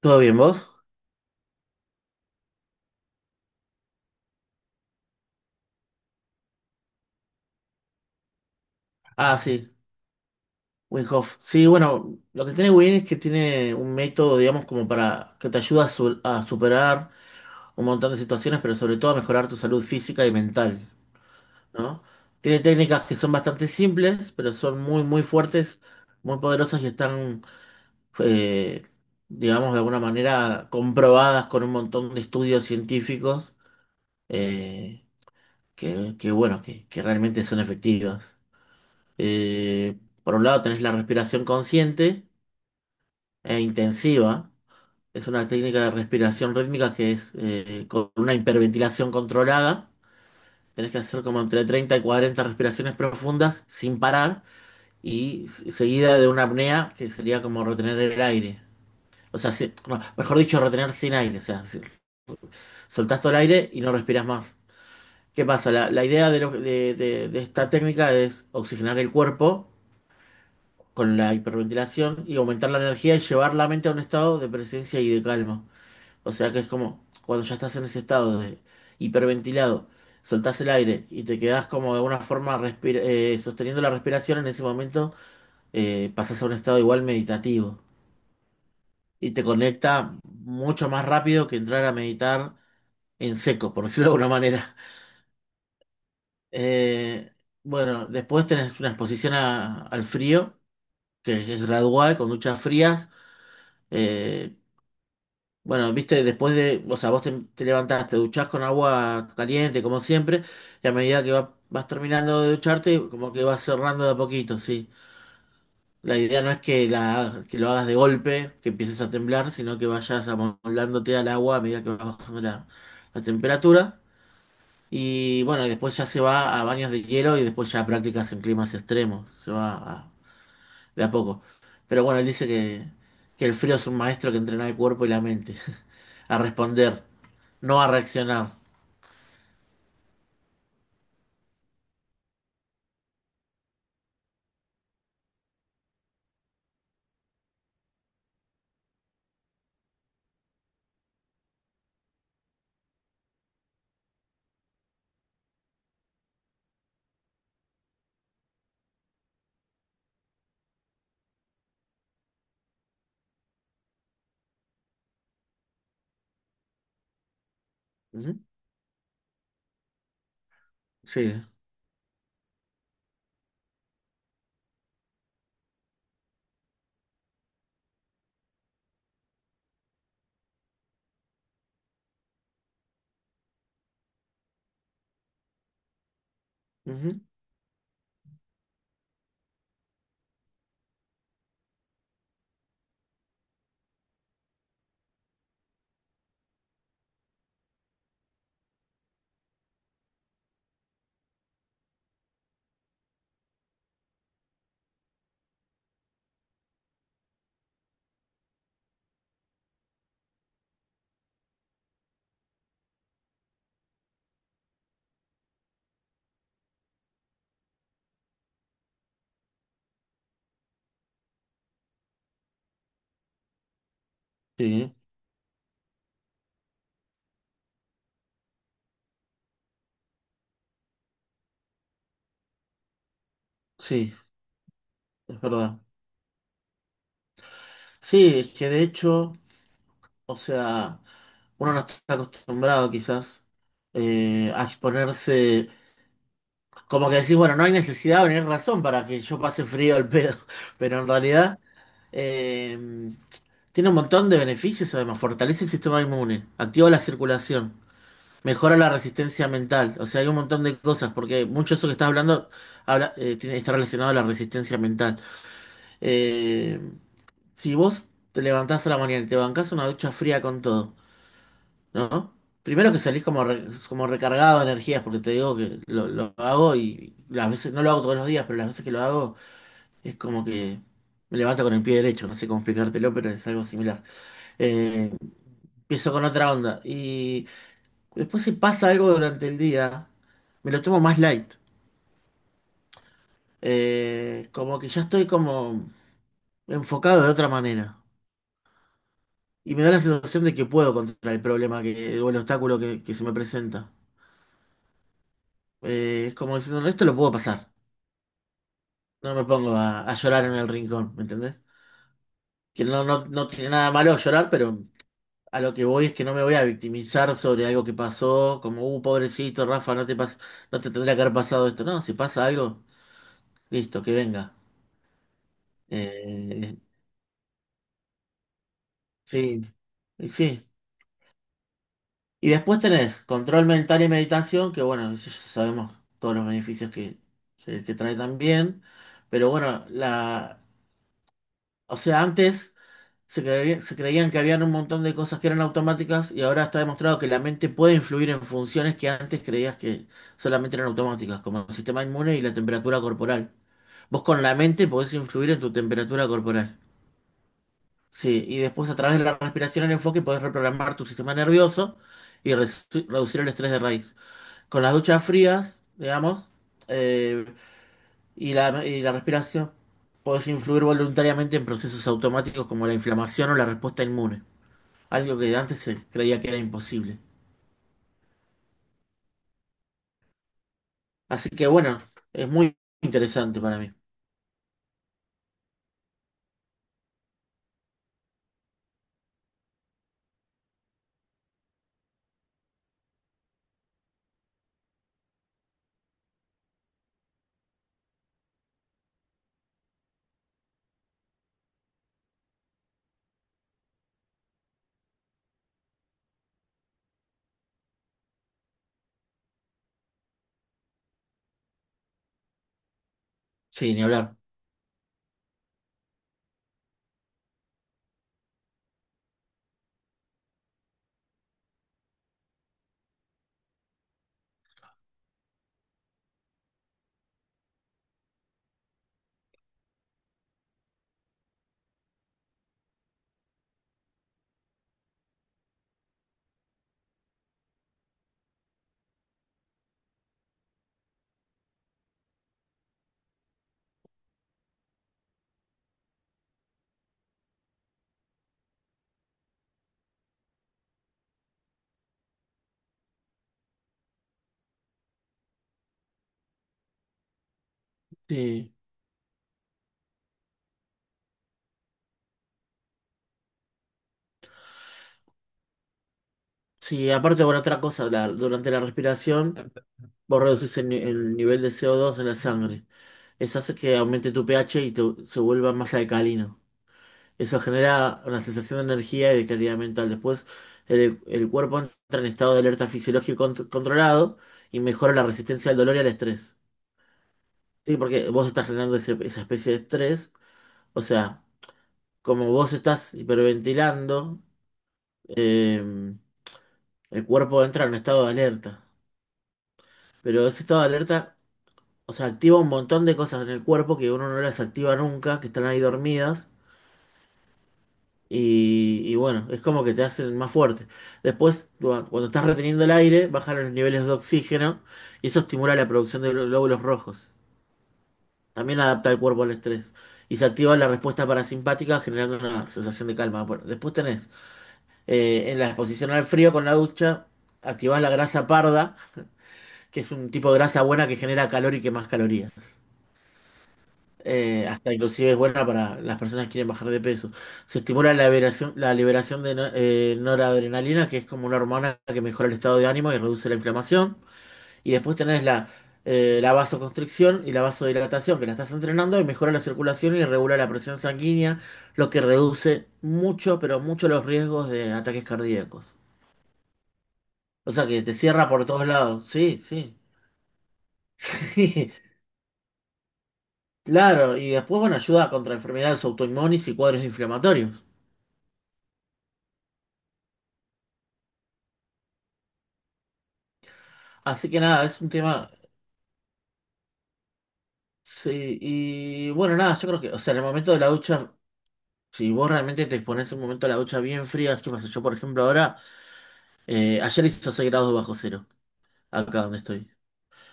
¿Todo bien vos? Ah, sí, Winhof. Sí, bueno, lo que tiene Win es que tiene un método, digamos, como para que te ayuda a, a superar un montón de situaciones, pero sobre todo a mejorar tu salud física y mental, ¿no? Tiene técnicas que son bastante simples, pero son muy, muy fuertes, muy poderosas y están, eh, digamos, de alguna manera comprobadas con un montón de estudios científicos, eh, bueno, que realmente son efectivas. Eh, por un lado tenés la respiración consciente e intensiva. Es una técnica de respiración rítmica que es con una hiperventilación controlada. Tenés que hacer como entre 30 y 40 respiraciones profundas sin parar y seguida de una apnea que sería como retener el aire. O sea, no, mejor dicho, retener sin aire. O sea, soltás todo el aire y no respiras más. ¿Qué pasa? La idea de, de esta técnica es oxigenar el cuerpo con la hiperventilación y aumentar la energía y llevar la mente a un estado de presencia y de calma. O sea que es como cuando ya estás en ese estado de hiperventilado, soltás el aire y te quedás como de alguna forma sosteniendo la respiración. En ese momento pasás a un estado igual meditativo y te conecta mucho más rápido que entrar a meditar en seco, por decirlo de alguna manera. Eh, bueno, después tenés una exposición al frío, que es gradual, con duchas frías. eh, Bueno, viste, después de, o sea, vos te, te levantás, te duchás con agua caliente, como siempre, y a medida que vas terminando de ducharte, como que vas cerrando de a poquito, sí. La idea no es que, la, que lo hagas de golpe, que empieces a temblar, sino que vayas amoldándote al agua a medida que vas bajando la, la temperatura. Y bueno, y después ya se va a baños de hielo y después ya prácticas en climas extremos. Se va de a poco. Pero bueno, él dice que el frío es un maestro que entrena el cuerpo y la mente a responder, no a reaccionar. Ujú, sí, ujú, sí, sí, es verdad. Sí, es que de hecho, o sea, uno no está acostumbrado quizás a exponerse, como que decís, bueno, no hay necesidad o no hay razón para que yo pase frío al pedo, pero en realidad eh, tiene un montón de beneficios. Además, fortalece el sistema inmune, activa la circulación. Mejora la resistencia mental. O sea, hay un montón de cosas, porque mucho de eso que estás hablando está relacionado a la resistencia mental. Eh, si vos te levantás a la mañana y te bancás una ducha fría con todo, ¿no? Primero que salís como, como recargado de energías, porque te digo que lo hago, y las veces, no lo hago todos los días, pero las veces que lo hago es como que me levanto con el pie derecho. No sé cómo explicártelo, pero es algo similar. Eh, Empiezo con otra onda. Después, si pasa algo durante el día, me lo tomo más light. Como que ya estoy como enfocado de otra manera. Y me da la sensación de que puedo contra el problema, que, o el obstáculo que se me presenta. Es como diciendo, "No, esto lo puedo pasar. No me pongo a llorar en el rincón, ¿me entendés?". Que no, no, no tiene nada malo llorar, pero a lo que voy es que no me voy a victimizar sobre algo que pasó, como, pobrecito, Rafa, no te tendría que haber pasado esto. No, si pasa algo, listo, que venga. Eh, Sí, y sí. Y después tenés control mental y meditación, que bueno, eso ya sabemos todos los beneficios que, que trae también. Pero bueno, la, o sea, antes se creían que habían un montón de cosas que eran automáticas, y ahora está demostrado que la mente puede influir en funciones que antes creías que solamente eran automáticas, como el sistema inmune y la temperatura corporal. Vos con la mente podés influir en tu temperatura corporal. Sí, y después a través de la respiración en enfoque podés reprogramar tu sistema nervioso y reducir el estrés de raíz. Con las duchas frías, digamos, eh, y la respiración, podés influir voluntariamente en procesos automáticos como la inflamación o la respuesta inmune, algo que antes se creía que era imposible. Así que bueno, es muy interesante para mí. Sí, ni hablar. Sí, sí, aparte, bueno, otra cosa, durante la respiración vos reducís el, ni- el nivel de CO2 en la sangre. Eso hace que aumente tu pH y se vuelva más alcalino. Eso genera una sensación de energía y de claridad mental. Después, el cuerpo entra en estado de alerta fisiológico controlado y mejora la resistencia al dolor y al estrés. Sí, porque vos estás generando esa especie de estrés. O sea, como vos estás hiperventilando, eh, el cuerpo entra en un estado de alerta. Pero ese estado de alerta, o sea, activa un montón de cosas en el cuerpo que uno no las activa nunca, que están ahí dormidas. Y bueno, es como que te hacen más fuerte. Después, cuando estás reteniendo el aire, bajan los niveles de oxígeno y eso estimula la producción de glóbulos rojos. También adapta el cuerpo al estrés. Y se activa la respuesta parasimpática generando una sensación de calma. Bueno, después tenés en la exposición al frío con la ducha, activás la grasa parda, que es un tipo de grasa buena que genera calor y que más calorías. Hasta inclusive es buena para las personas que quieren bajar de peso. Se estimula la liberación de noradrenalina, que es como una hormona que mejora el estado de ánimo y reduce la inflamación. Y después tenés la, la vasoconstricción y la vasodilatación, que la estás entrenando, y mejora la circulación y regula la presión sanguínea, lo que reduce mucho, pero mucho los riesgos de ataques cardíacos. O sea que te cierra por todos lados. Sí, sí. Claro, y después, bueno, ayuda contra enfermedades autoinmunes y cuadros inflamatorios. Así que nada, es un tema. Sí, y bueno, nada, yo creo que, o sea, en el momento de la ducha, si vos realmente te pones un momento de la ducha bien fría, ¿qué pasa? Yo, por ejemplo, ahora, ayer hizo 6 grados bajo cero acá donde estoy.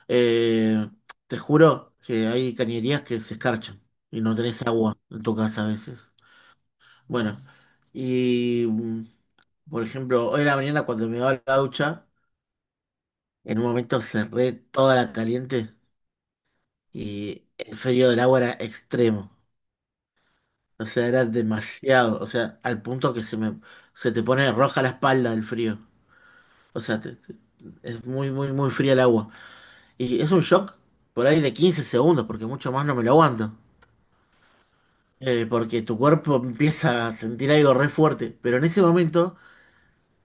Eh, Te juro que hay cañerías que se escarchan y no tenés agua en tu casa a veces. Bueno, y mm, por ejemplo, hoy en la mañana cuando me daba la ducha, en un momento cerré toda la caliente y el frío del agua era extremo. O sea, era demasiado. O sea, al punto que se te pone roja la espalda del frío. O sea, es muy, muy, muy fría el agua. Y es un shock por ahí de 15 segundos, porque mucho más no me lo aguanto. Porque tu cuerpo empieza a sentir algo re fuerte. Pero en ese momento,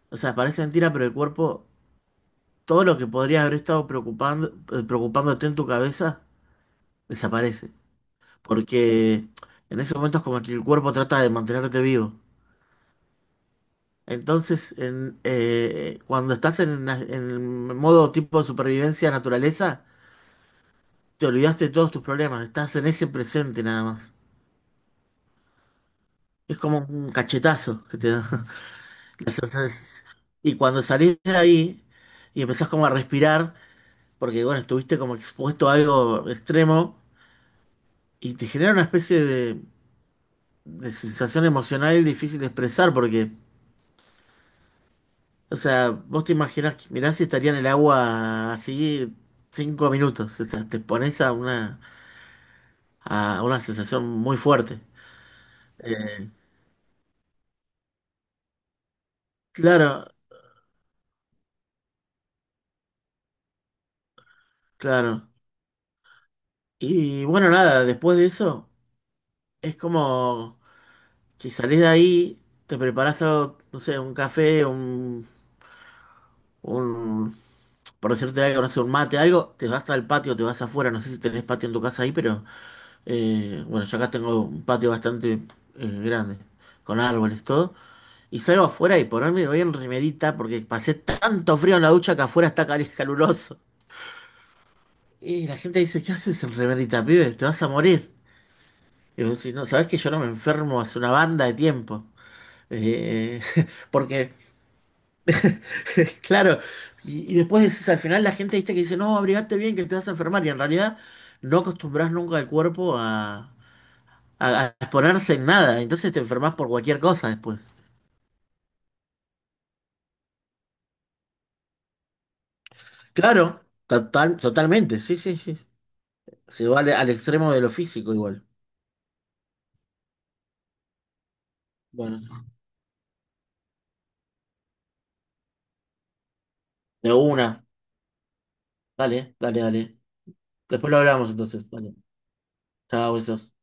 o sea, parece mentira, pero el cuerpo, todo lo que podría haber estado preocupando, preocupándote en tu cabeza, desaparece. Porque en ese momento es como que el cuerpo trata de mantenerte vivo. Entonces, cuando estás en, en el modo tipo de supervivencia naturaleza, te olvidaste de todos tus problemas, estás en ese presente nada más. Es como un cachetazo que te da. La sensación. Y cuando salís de ahí y empezás como a respirar, porque bueno, estuviste como expuesto a algo extremo, y te genera una especie de sensación emocional difícil de expresar, porque, o sea, vos te imaginás que mirá si estaría en el agua así 5 minutos. O sea, te pones a una sensación muy fuerte. Eh, claro, claro. Y bueno, nada, después de eso, es como que salís de ahí, te preparás algo, no sé, un café, un, por decirte algo, no sé, un mate, algo, te vas al patio, te vas afuera, no sé si tenés patio en tu casa ahí, pero bueno, yo acá tengo un patio bastante grande, con árboles, todo. Y salgo afuera y por ponerme voy en remerita porque pasé tanto frío en la ducha que afuera está caluroso. Y la gente dice, "¿Qué haces en remerita, pibe? Te vas a morir". Y yo, si no, ¿sabés que yo no me enfermo hace una banda de tiempo? Eh, Porque, claro, y después decís, al final la gente viste que dice, no, abrigate bien que te vas a enfermar. Y en realidad no acostumbras nunca al cuerpo a, a exponerse en nada. Entonces te enfermas por cualquier cosa después. Claro, total, totalmente, sí, sí, sí. Se va al, al extremo de lo físico igual. Bueno, de una. Dale, dale, dale. Después lo hablamos entonces. Dale. Chao, besos.